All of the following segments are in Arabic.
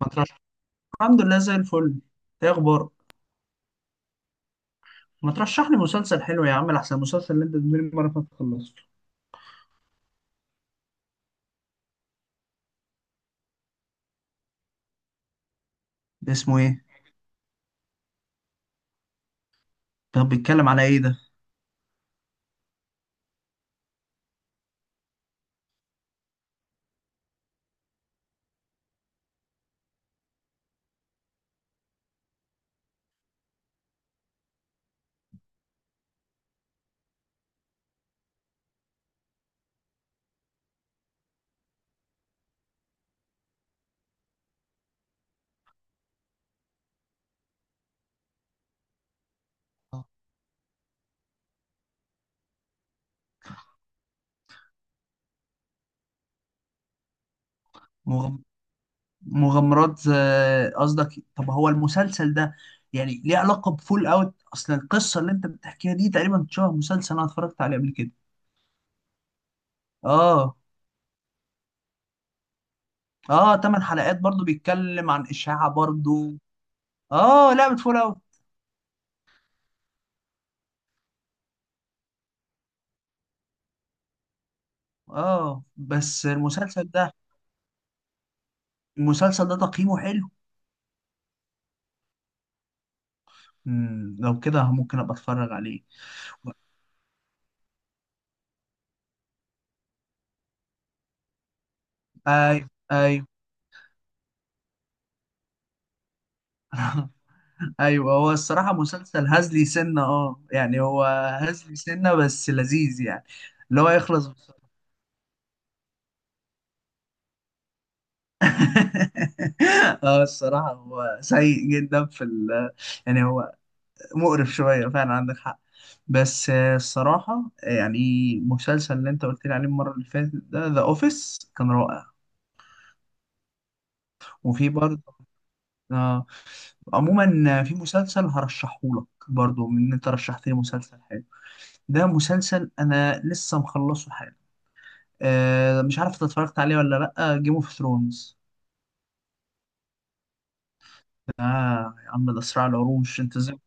ما ترشح الحمد لله زي الفل. ايه اخبارك؟ ما ترشح لي مسلسل حلو يا عم، احسن المسلسل اللي انت بتقولي المره اللي فاتت خلصته. ده اسمه ايه؟ طب بيتكلم على ايه ده؟ مغم... مغامرات، قصدك. طب هو المسلسل ده يعني ليه علاقه بفول اوت؟ اصل القصه اللي انت بتحكيها دي تقريبا شبه مسلسل انا اتفرجت عليه قبل كده. اه. اه، تمن حلقات برضو بيتكلم عن اشاعه برضو. اه، لعبه فول اوت. اه بس المسلسل ده، المسلسل ده تقييمه حلو؟ مم، لو كده ممكن ابقى اتفرج عليه. ايوه ايوه. ايوه، هو الصراحه مسلسل هزلي سنه، اه يعني هو هزلي سنه بس لذيذ يعني، اللي هو يخلص بسرعه. اه الصراحه هو سيء جدا في يعني هو مقرف شويه فعلا، عندك حق. بس الصراحه يعني المسلسل اللي انت قلت لي عليه المره اللي فاتت ده، ذا اوفيس، كان رائع. وفي برضه آه. عموما في مسلسل هرشحهولك برضه، من انت رشحت لي مسلسل حلو. ده مسلسل انا لسه مخلصه حالا. آه، مش عارف انت اتفرجت عليه ولا لا؟ جيم اوف ثرونز. يا عم، ده صراع العروش، انت ازاي؟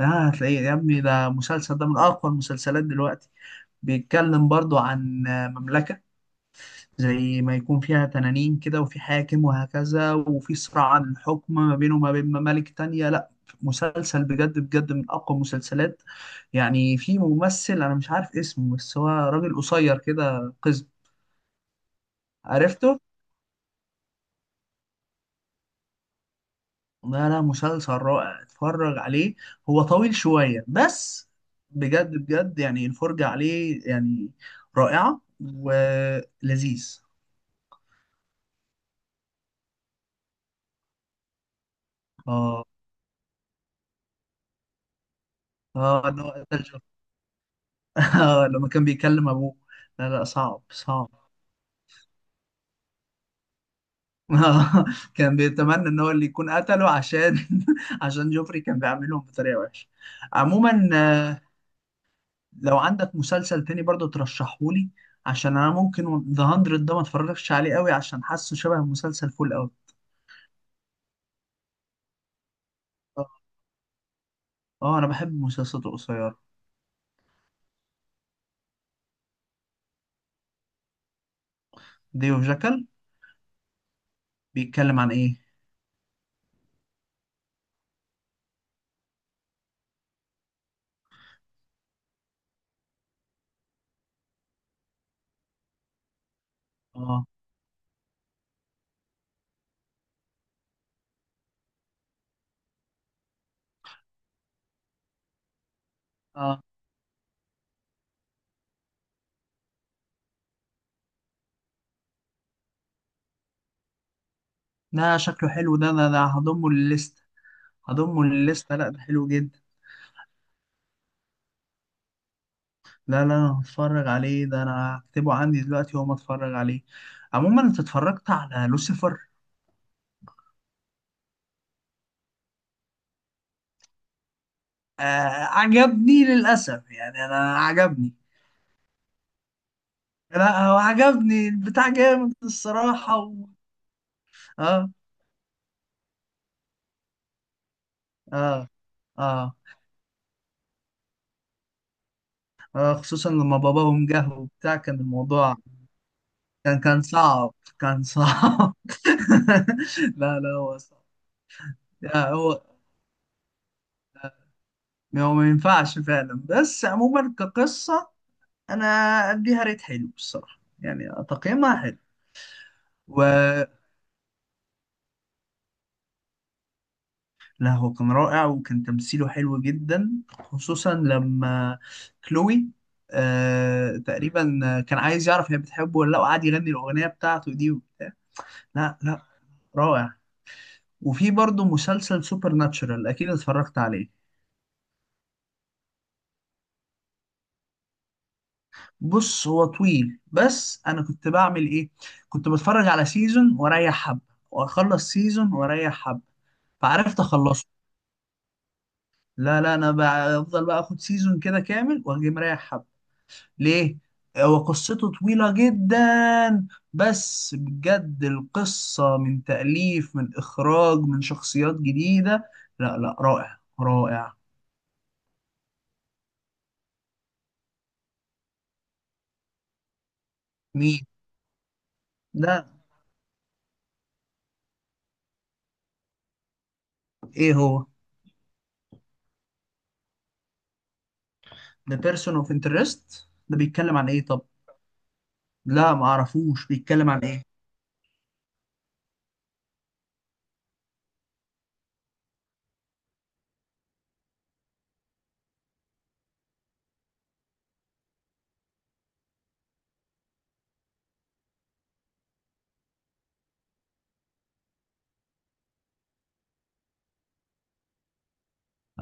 آه. هتلاقيه يا ابني، ده مسلسل، ده من اقوى المسلسلات دلوقتي. بيتكلم برضو عن مملكة زي ما يكون فيها تنانين كده، وفي حاكم وهكذا، وفي صراع عن الحكم ما بينه وما بين ممالك تانية. لا، مسلسل بجد بجد من اقوى المسلسلات. يعني في ممثل انا مش عارف اسمه، بس هو راجل قصير كده قزم. عرفته. لا لا، مسلسل رائع، اتفرج عليه. هو طويل شوية بس بجد بجد يعني الفرجة عليه يعني رائعة ولذيذ. اه. اه، لما كان بيكلم ابوه. لا لا، صعب صعب. كان بيتمنى ان هو اللي يكون قتله عشان عشان جوفري كان بيعاملهم بطريقة وحشة. عموما آه، لو عندك مسلسل تاني برضه ترشحهولي، عشان انا ممكن ذا 100 ده ما اتفرجش عليه قوي عشان حاسه شبه مسلسل فول قوي. اه. انا بحب المسلسلات القصيرة. ديو جاكل، بيتكلم عن ايه؟ اه. اه، ده شكله حلو، ده هضمه للليست. هضمه للليست، لا ده حلو جدا. لا لا انا هتفرج عليه، ده انا هكتبه عندي دلوقتي وما اتفرج عليه. عموما انت اتفرجت على لوسيفر؟ آه. عجبني للاسف يعني، انا عجبني. لا هو عجبني، البتاع جامد الصراحة، اه. اه. اه، خصوصا لما باباهم جه وبتاع كان الموضوع. كان صعب. كان صعب. لا لا هو صعب. لا، هو ما ينفعش فعلا، بس عموما كقصة أنا أديها ريت حلو الصراحة يعني تقييمها حلو. و لا هو كان رائع، وكان تمثيله حلو جدا خصوصا لما كلوي، آه تقريبا، كان عايز يعرف هي بتحبه ولا لا، وقعد يغني الأغنية بتاعته دي وبتاع. لا لا رائع. وفي برضه مسلسل سوبر ناتشورال، أكيد اتفرجت عليه. بص هو طويل، بس انا كنت بعمل ايه، كنت بتفرج على سيزون واريح حبه، واخلص سيزون واريح حبه، فعرفت اخلصه. لا لا انا بفضل بقى اخد سيزون كده كامل واجي مريح حبه. ليه؟ هو قصته طويله جدا. بس بجد القصه من تاليف من اخراج من شخصيات جديده، لا لا رائع رائع. مين ده؟ ايه هو؟ ده بيرسون اوف انترست. ده بيتكلم عن ايه طب؟ لا ما اعرفوش، بيتكلم عن ايه؟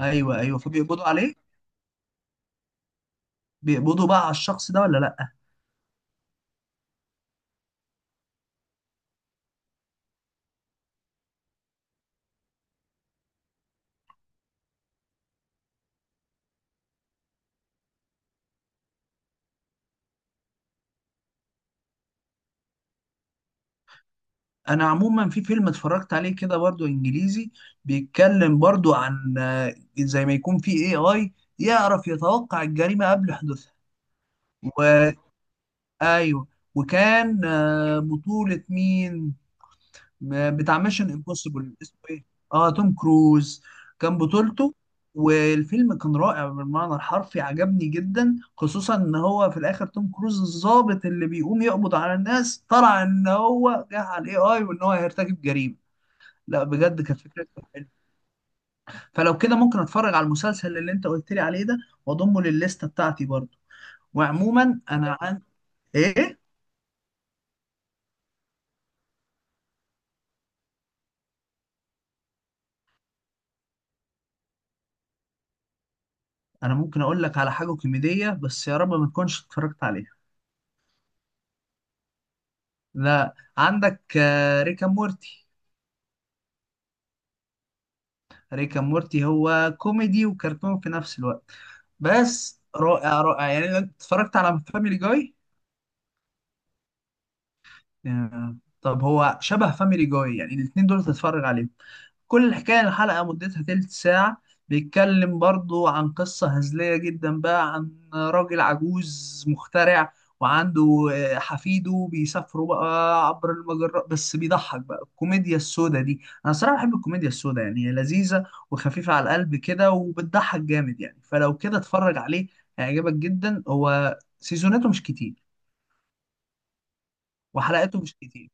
ايوه ايوه، فبيقبضوا عليه. بيقبضوا بقى على الشخص ده ولا لا؟ انا عموما في فيلم اتفرجت عليه كده برضو انجليزي، بيتكلم برضو عن زي ما يكون في اي اي يعرف يتوقع الجريمة قبل حدوثها. و... ايوه. وكان بطولة مين؟ بتاع ميشن امبوسيبل اسمه ايه؟ اه، توم كروز كان بطولته. والفيلم كان رائع بالمعنى الحرفي، عجبني جدا، خصوصا ان هو في الاخر توم كروز الضابط اللي بيقوم يقبض على الناس طلع ان هو جه على الاي اي وان هو هيرتكب جريمه. لا بجد كانت فكرته حلوه. فلو كده ممكن اتفرج على المسلسل اللي انت قلت لي عليه ده واضمه للليسته بتاعتي برضه. وعموما انا عن ايه. انا ممكن اقول لك على حاجه كوميديه، بس يا رب ما تكونش اتفرجت عليها. لا، عندك ريكا مورتي. ريكا مورتي هو كوميدي وكرتون في نفس الوقت، بس رائع رائع يعني. أنا اتفرجت على فاميلي جاي، آه، طب هو شبه فاميلي جاي، يعني الاتنين دول تتفرج عليهم. كل الحكاية الحلقة مدتها تلت ساعة. بيتكلم برضو عن قصة هزلية جدا بقى عن راجل عجوز مخترع، وعنده حفيده، بيسافروا بقى عبر المجرات. بس بيضحك بقى، الكوميديا السوداء دي انا صراحة بحب الكوميديا السوداء، يعني هي لذيذة وخفيفة على القلب كده وبتضحك جامد يعني. فلو كده اتفرج عليه هيعجبك جدا، هو سيزوناته مش كتير وحلقاته مش كتير.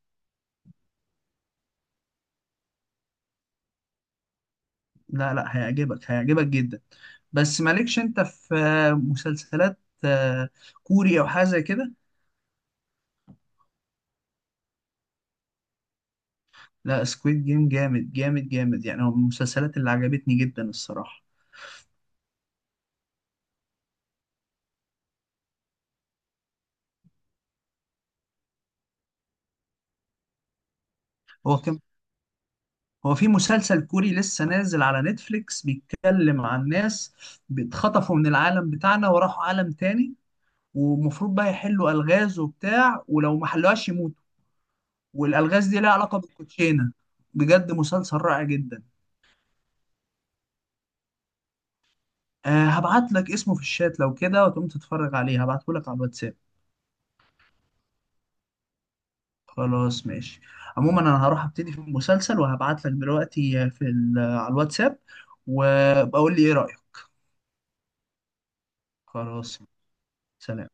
لا لا هيعجبك هيعجبك جدا. بس مالكش انت في مسلسلات آه، كوري او حاجه زي كده؟ لا سكويد جيم جامد جامد جامد، يعني هو من المسلسلات اللي عجبتني جدا الصراحه. هو كان هو في مسلسل كوري لسه نازل على نتفليكس، بيتكلم عن ناس اتخطفوا من العالم بتاعنا وراحوا عالم تاني، ومفروض بقى يحلوا الغاز وبتاع، ولو ما حلوهاش يموتوا. والالغاز دي لها علاقه بالكوتشينه. بجد مسلسل رائع جدا. أه هبعت لك اسمه في الشات لو كده، وتقوم تتفرج عليه، هبعته لك على الواتساب. خلاص ماشي. عموما انا هروح ابتدي في المسلسل وهبعت لك دلوقتي في على الواتساب، وبقول لي ايه رأيك. خلاص، سلام.